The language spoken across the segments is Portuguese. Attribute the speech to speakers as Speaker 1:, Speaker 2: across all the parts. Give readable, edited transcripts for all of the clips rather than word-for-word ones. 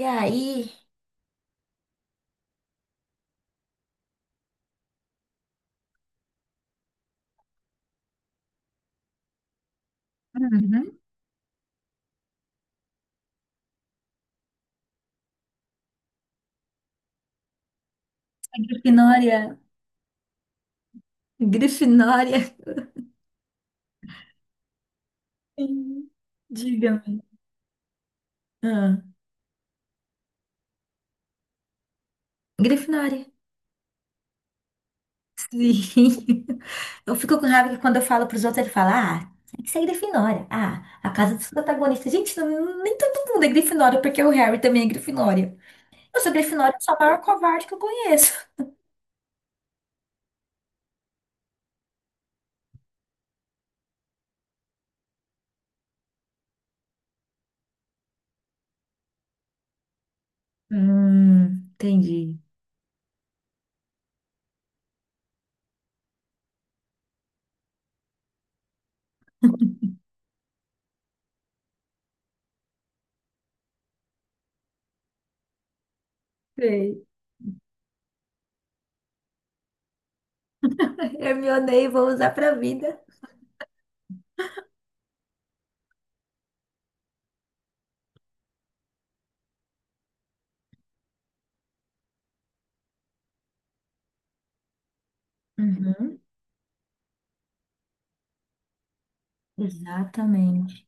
Speaker 1: E aí? Uhum. A Grifinória. Grifinória, Sim. Diga-me. Ah, Grifinória. Sim. Eu fico com raiva que quando eu falo pros outros, ele fala, ah, tem que ser Grifinória. Ah, a casa dos protagonistas. Gente, nem todo mundo é Grifinória, porque o Harry também é Grifinória. Eu sou Grifinória, eu sou a maior covarde que eu conheço. Hum, entendi. Sei. Hermione, vou usar pra vida. Uhum, exatamente.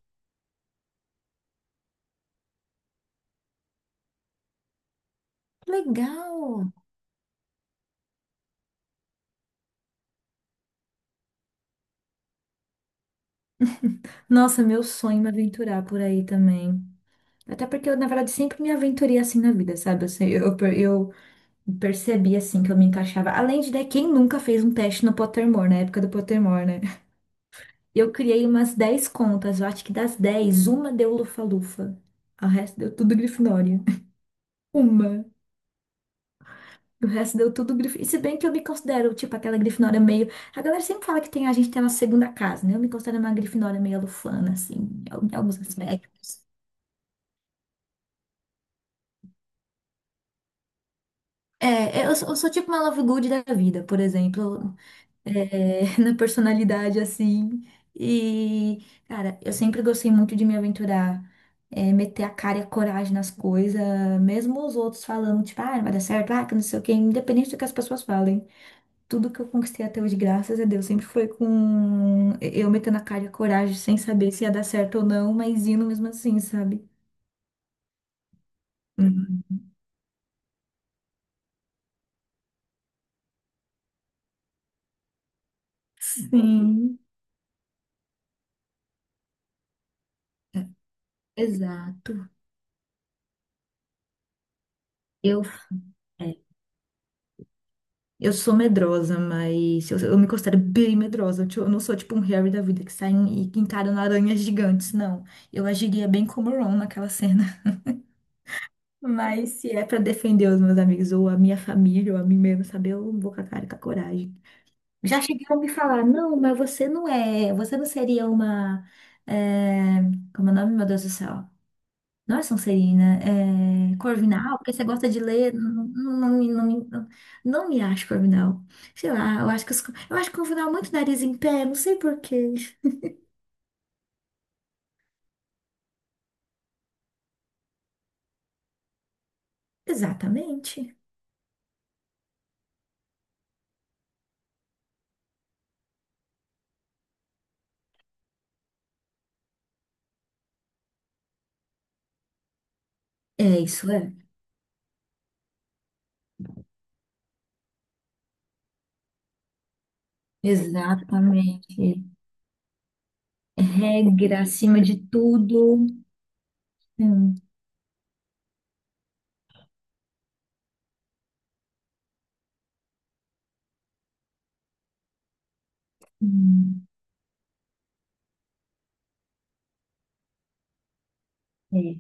Speaker 1: Legal. Nossa, meu sonho é me aventurar por aí também. Até porque eu, na verdade, sempre me aventurei assim na vida, sabe? Eu percebi assim que eu me encaixava. Além de, né, quem nunca fez um teste no Pottermore, na época do Pottermore, né? Eu criei umas 10 contas, eu acho que das 10, uma deu Lufa-Lufa. O resto deu tudo Grifinória. Uma. O resto deu tudo Grifinória. E se bem que eu me considero, tipo, aquela Grifinória meio. A galera sempre fala que tem, a gente tem uma segunda casa, né? Eu me considero uma Grifinória meio lufana, assim, em alguns aspectos. É, eu sou tipo uma Love Good da vida, por exemplo, na personalidade assim. E, cara, eu sempre gostei muito de me aventurar, meter a cara e a coragem nas coisas, mesmo os outros falando, tipo, ah, não vai dar certo, ah, que não sei o quê, independente do que as pessoas falem. Tudo que eu conquistei até hoje, graças a Deus, sempre foi com eu metendo a cara e a coragem, sem saber se ia dar certo ou não, mas indo mesmo assim, sabe? Uhum. Sim, exato. Eu. é, Eu sou medrosa, mas eu me considero bem medrosa. Eu não sou tipo um Harry da vida que sai e que encara aranhas gigantes, não. Eu agiria bem como o Ron naquela cena. Mas se é pra defender os meus amigos ou a minha família ou a mim mesma, sabe? Eu vou com a cara e com a coragem. Já chegaram a me falar, não, mas você não é, você não seria uma. é, Como é o nome, meu Deus do céu? Não é Sonserina, é Corvinal, porque você gosta de ler, não, não, não, não, não, não me acho Corvinal. Sei lá, eu acho que eu acho Corvinal muito nariz em pé, não sei por quê. Exatamente. É isso, é. Exatamente. Regra acima de tudo. Hum, hum, é,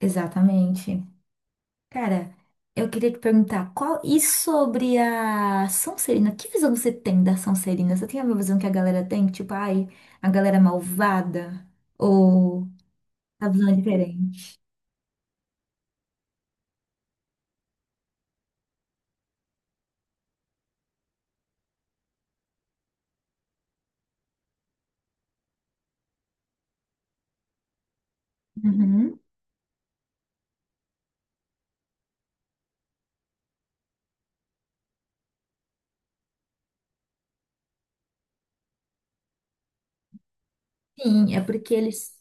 Speaker 1: exatamente. Cara, eu queria te perguntar qual e sobre a Sonserina? Que visão você tem da Sonserina? Você tem a mesma visão que a galera tem? Tipo, ai, a galera malvada? Ou a visão é diferente? Uhum. Sim, é porque eles.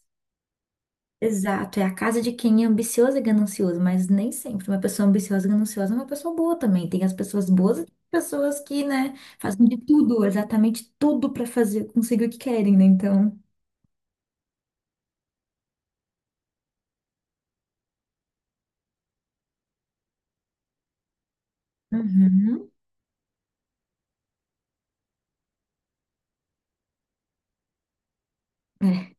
Speaker 1: Exato, é a casa de quem é ambicioso e ganancioso, mas nem sempre. Uma pessoa ambiciosa e gananciosa é uma pessoa boa também. Tem as pessoas boas e tem pessoas que, né, fazem de tudo, exatamente tudo pra fazer, conseguir o que querem, né? Então. Uhum. É,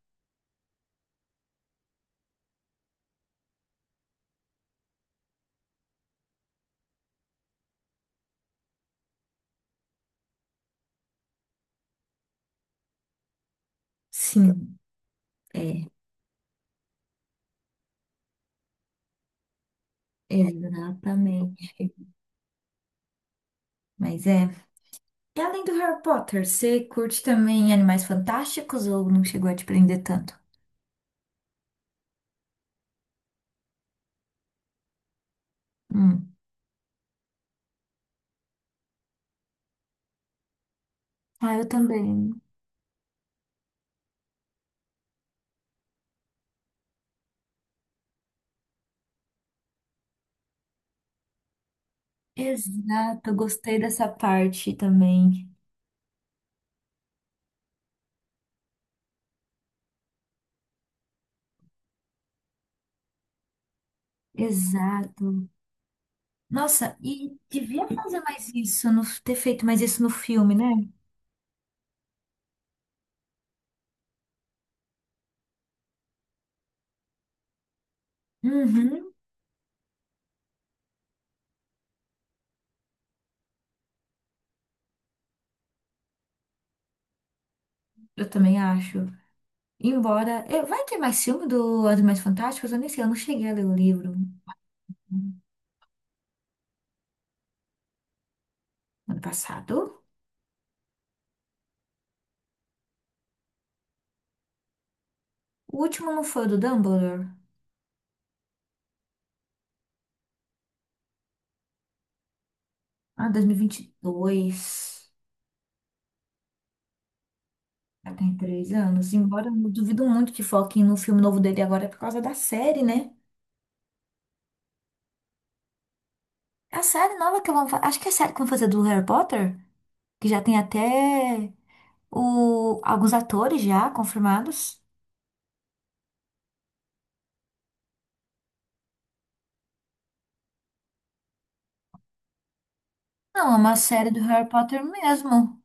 Speaker 1: sim. É. Exatamente. Mas é. E além do Harry Potter, você curte também Animais Fantásticos ou não chegou a te prender tanto? Hum. Ah, eu também. Exato, eu gostei dessa parte também. Exato. Nossa, e devia fazer mais isso, no, ter feito mais isso no filme, né? Uhum, eu também acho. Embora. Vai ter mais filme do Animais Fantásticos? Eu nem sei, eu não cheguei a ler o livro ano passado. O último não foi o do Dumbledore? Ah, dois mil e vinte e dois. Já tem 3 anos. Embora eu duvido muito que foquem no filme novo dele agora é por causa da série, né? É, a série nova que vão fazer. Acho que é a série que vão fazer do Harry Potter. Que já tem até o... alguns atores já confirmados. Não, é uma série do Harry Potter mesmo.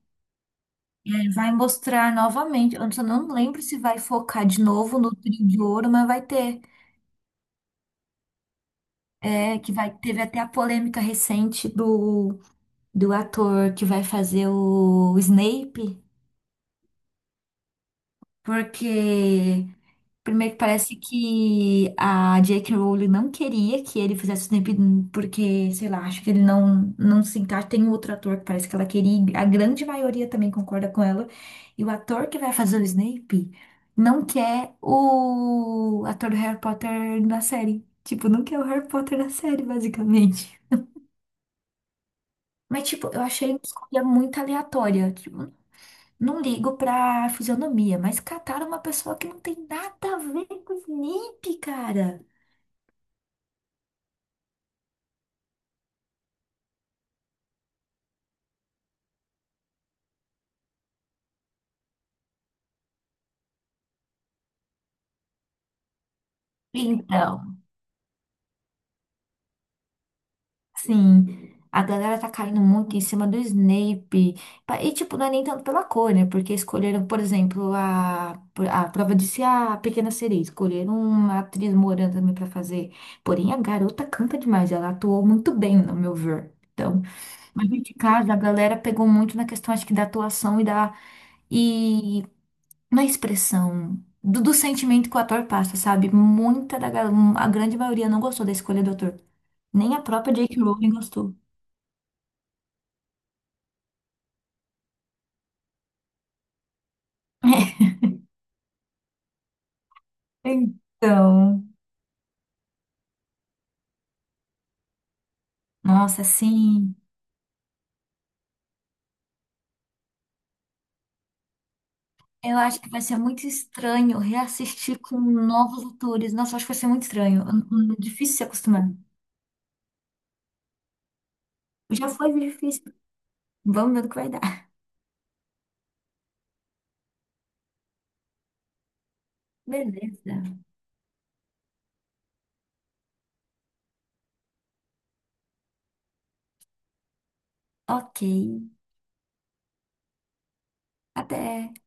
Speaker 1: E aí vai mostrar novamente. Eu só não lembro se vai focar de novo no Trio de Ouro, mas vai ter. É, que vai... teve até a polêmica recente do ator que vai fazer o Snape, porque primeiro que parece que a J.K. Rowling não queria que ele fizesse o Snape porque, sei lá, acho que ele não se encaixa. Tem um outro ator que parece que ela queria, e a grande maioria também concorda com ela. E o ator que vai fazer o Snape não quer o ator do Harry Potter na série. Tipo, não quer o Harry Potter na série, basicamente. Mas, tipo, eu achei uma escolha muito aleatória. Tipo, não ligo pra fisionomia, mas cataram uma pessoa que não tem nada a ver com o Snape, cara. Então, sim, a galera tá caindo muito em cima do Snape. E, tipo, não é nem tanto pela cor, né? Porque escolheram, por exemplo, a prova de ser a Pequena Sereia. Escolheram uma atriz morena também pra fazer. Porém, a garota canta demais. Ela atuou muito bem, no meu ver. Então, mas de casa, a galera pegou muito na questão, acho que da atuação e da. Na expressão do sentimento que o ator passa, sabe? A grande maioria não gostou da escolha do ator. Nem a própria J.K. Rowling gostou. Então, nossa, assim, eu acho que vai ser muito estranho reassistir com novos atores. Nossa, eu acho que vai ser muito estranho. Difícil se acostumar. Já foi difícil. Vamos ver o que vai dar. Beleza. Ok. Até.